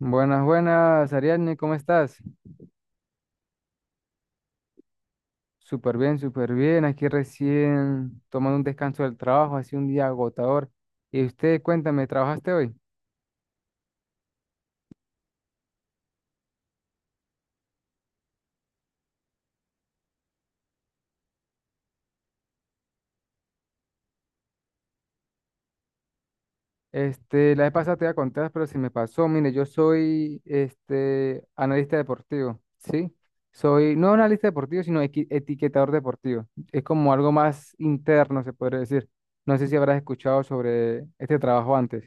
Buenas, buenas, Ariadne, ¿cómo estás? Súper bien, súper bien. Aquí recién tomando un descanso del trabajo, ha sido un día agotador. Y usted, cuéntame, ¿trabajaste hoy? La vez pasada te iba a contar, pero se me pasó. Mire, yo soy analista deportivo, ¿sí? Soy no analista deportivo, sino etiquetador deportivo. Es como algo más interno, se podría decir. No sé si habrás escuchado sobre este trabajo antes.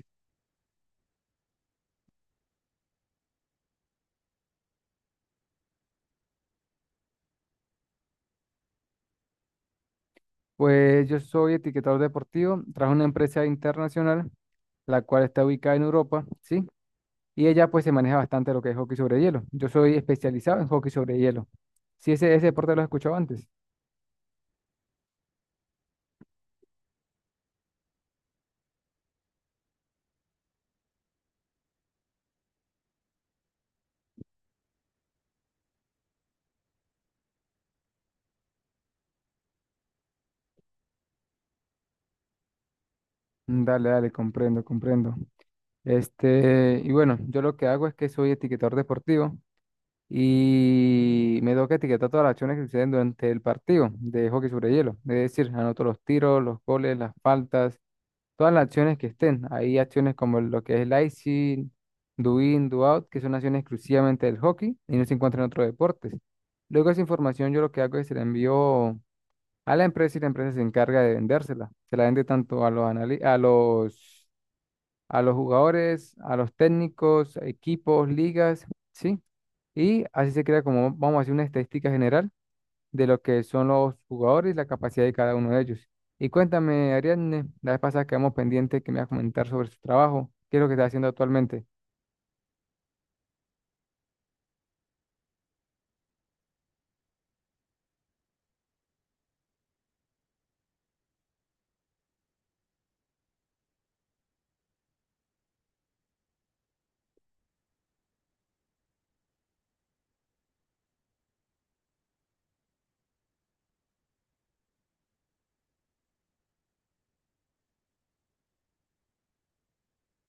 Pues yo soy etiquetador deportivo, trabajo en una empresa internacional, la cual está ubicada en Europa, ¿sí? Y ella pues se maneja bastante lo que es hockey sobre hielo. Yo soy especializado en hockey sobre hielo. Sí, ese deporte lo he escuchado antes. Mm, dale, dale, comprendo, comprendo. Y bueno, yo lo que hago es que soy etiquetador deportivo y me toca etiquetar todas las acciones que suceden durante el partido de hockey sobre hielo. Es decir, anoto los tiros, los goles, las faltas, todas las acciones que estén. Hay acciones como lo que es el icing, do in, do out, que son acciones exclusivamente del hockey y no se encuentran en otros deportes. Luego esa información yo lo que hago es se la envío a la empresa y la empresa se encarga de vendérsela. Se la vende tanto a a los jugadores, a los técnicos, a equipos, ligas, ¿sí? Y así se crea como, vamos a decir, una estadística general de lo que son los jugadores y la capacidad de cada uno de ellos. Y cuéntame, Ariadne, la vez pasada quedamos pendiente que me vas a comentar sobre su trabajo. ¿Qué es lo que está haciendo actualmente?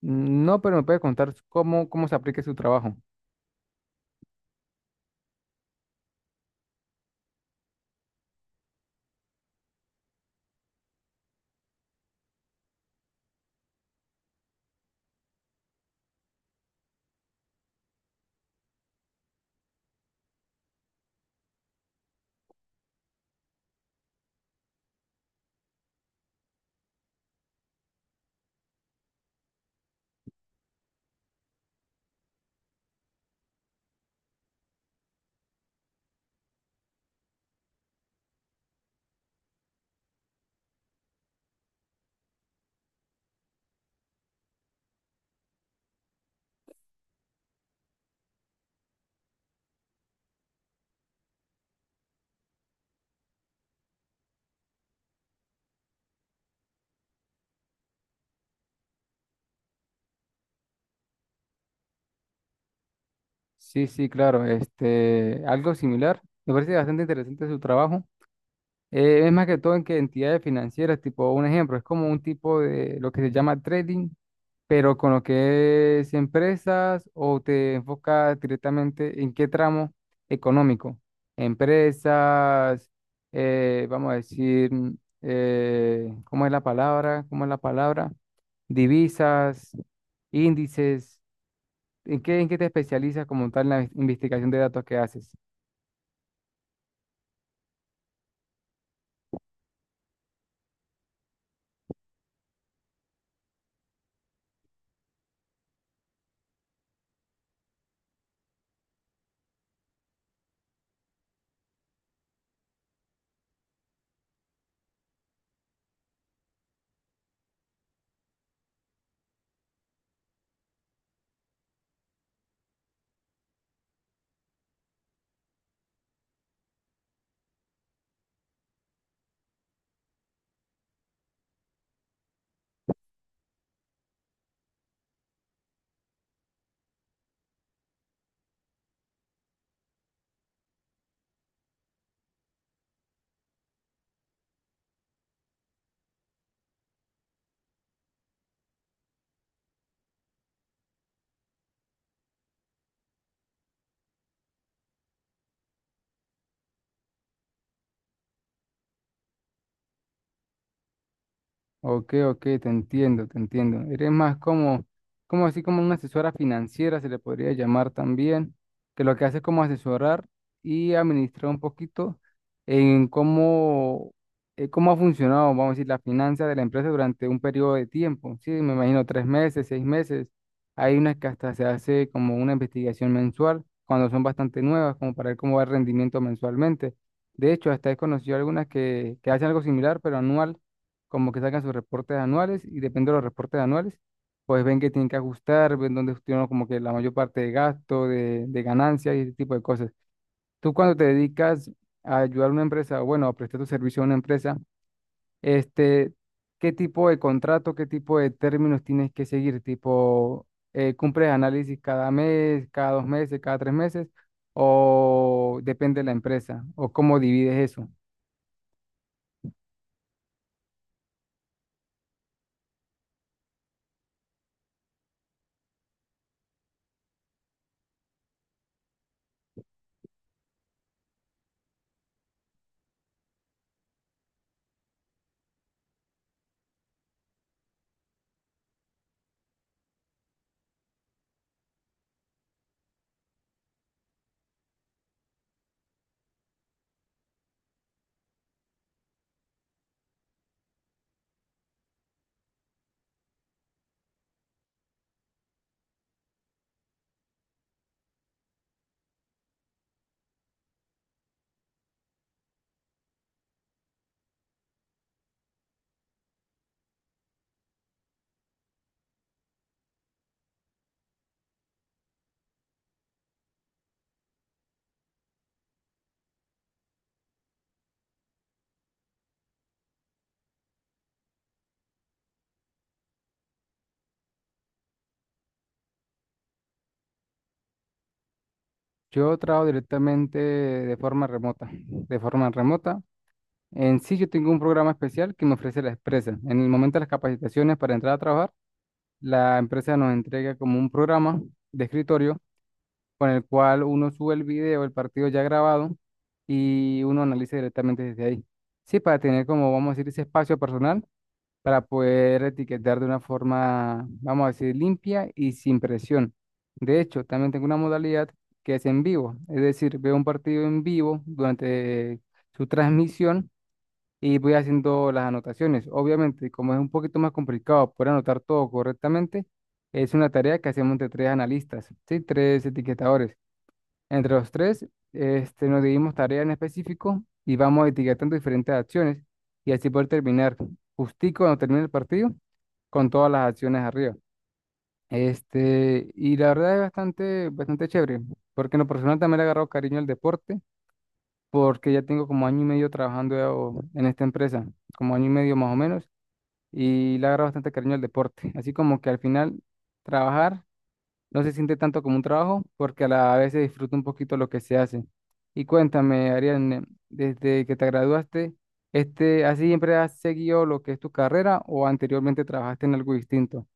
No, pero me puede contar cómo se aplica su trabajo. Sí, sí, claro, este, algo similar. Me parece bastante interesante su trabajo. Es más que todo en que entidades financieras, tipo un ejemplo, es como un tipo de lo que se llama trading, pero con lo que es empresas, o te enfocas directamente en qué tramo económico. Empresas, vamos a decir, ¿cómo es la palabra? ¿Cómo es la palabra? Divisas, índices. En qué te especializas como tal en la investigación de datos que haces? Ok, ok, te entiendo, te entiendo. Eres más como, como así como una asesora financiera, se le podría llamar también, que lo que hace es como asesorar y administrar un poquito en cómo, cómo ha funcionado, vamos a decir, la finanza de la empresa durante un periodo de tiempo. Sí, me imagino tres meses, seis meses. Hay unas que hasta se hace como una investigación mensual, cuando son bastante nuevas, como para ver cómo va el rendimiento mensualmente. De hecho, hasta he conocido algunas que hacen algo similar, pero anual, como que sacan sus reportes anuales y depende de los reportes anuales, pues ven que tienen que ajustar, ven dónde tienen como que la mayor parte de gasto, de ganancias y ese tipo de cosas. Tú cuando te dedicas a ayudar a una empresa, o bueno, a prestar tu servicio a una empresa, este, ¿qué tipo de contrato, qué tipo de términos tienes que seguir? Tipo, ¿cumples análisis cada mes, cada dos meses, cada tres meses? ¿O depende de la empresa? ¿O cómo divides eso? Yo trabajo directamente de forma remota. De forma remota. En sí, yo tengo un programa especial que me ofrece la empresa. En el momento de las capacitaciones para entrar a trabajar, la empresa nos entrega como un programa de escritorio con el cual uno sube el video, el partido ya grabado, y uno analiza directamente desde ahí. Sí, para tener como, vamos a decir, ese espacio personal para poder etiquetar de una forma, vamos a decir, limpia y sin presión. De hecho, también tengo una modalidad que es en vivo, es decir, veo un partido en vivo durante su transmisión y voy haciendo las anotaciones. Obviamente, como es un poquito más complicado poder anotar todo correctamente, es una tarea que hacemos entre tres analistas, ¿sí? Tres etiquetadores. Entre los tres, este, nos dividimos tareas en específico y vamos etiquetando diferentes acciones y así poder terminar justico cuando termine el partido con todas las acciones arriba. Y la verdad es bastante, bastante chévere, porque en lo personal también le he agarrado cariño al deporte, porque ya tengo como año y medio trabajando en esta empresa, como año y medio más o menos, y le he agarrado bastante cariño al deporte. Así como que al final trabajar no se siente tanto como un trabajo porque a la vez se disfruta un poquito lo que se hace. Y cuéntame, Ariane, desde que te graduaste, este, ¿así siempre has seguido lo que es tu carrera o anteriormente trabajaste en algo distinto?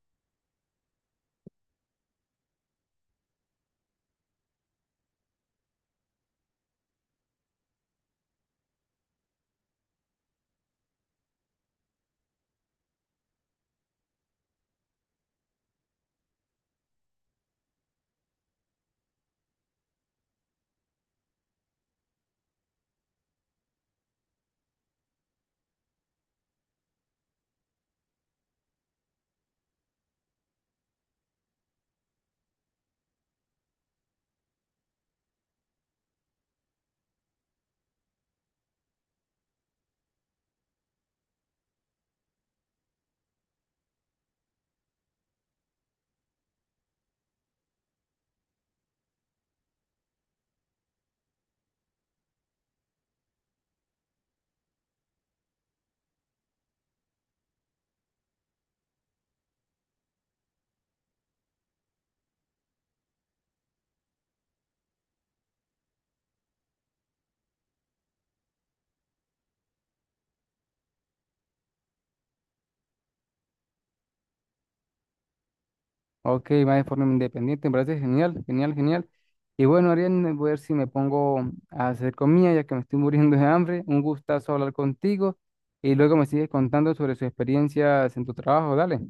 Ok, va de forma independiente, me parece genial, genial, genial. Y bueno, Ariane, voy a ver si me pongo a hacer comida ya que me estoy muriendo de hambre. Un gustazo hablar contigo y luego me sigues contando sobre sus experiencias en tu trabajo. Dale,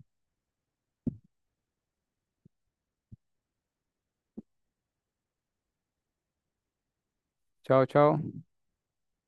chao, chao.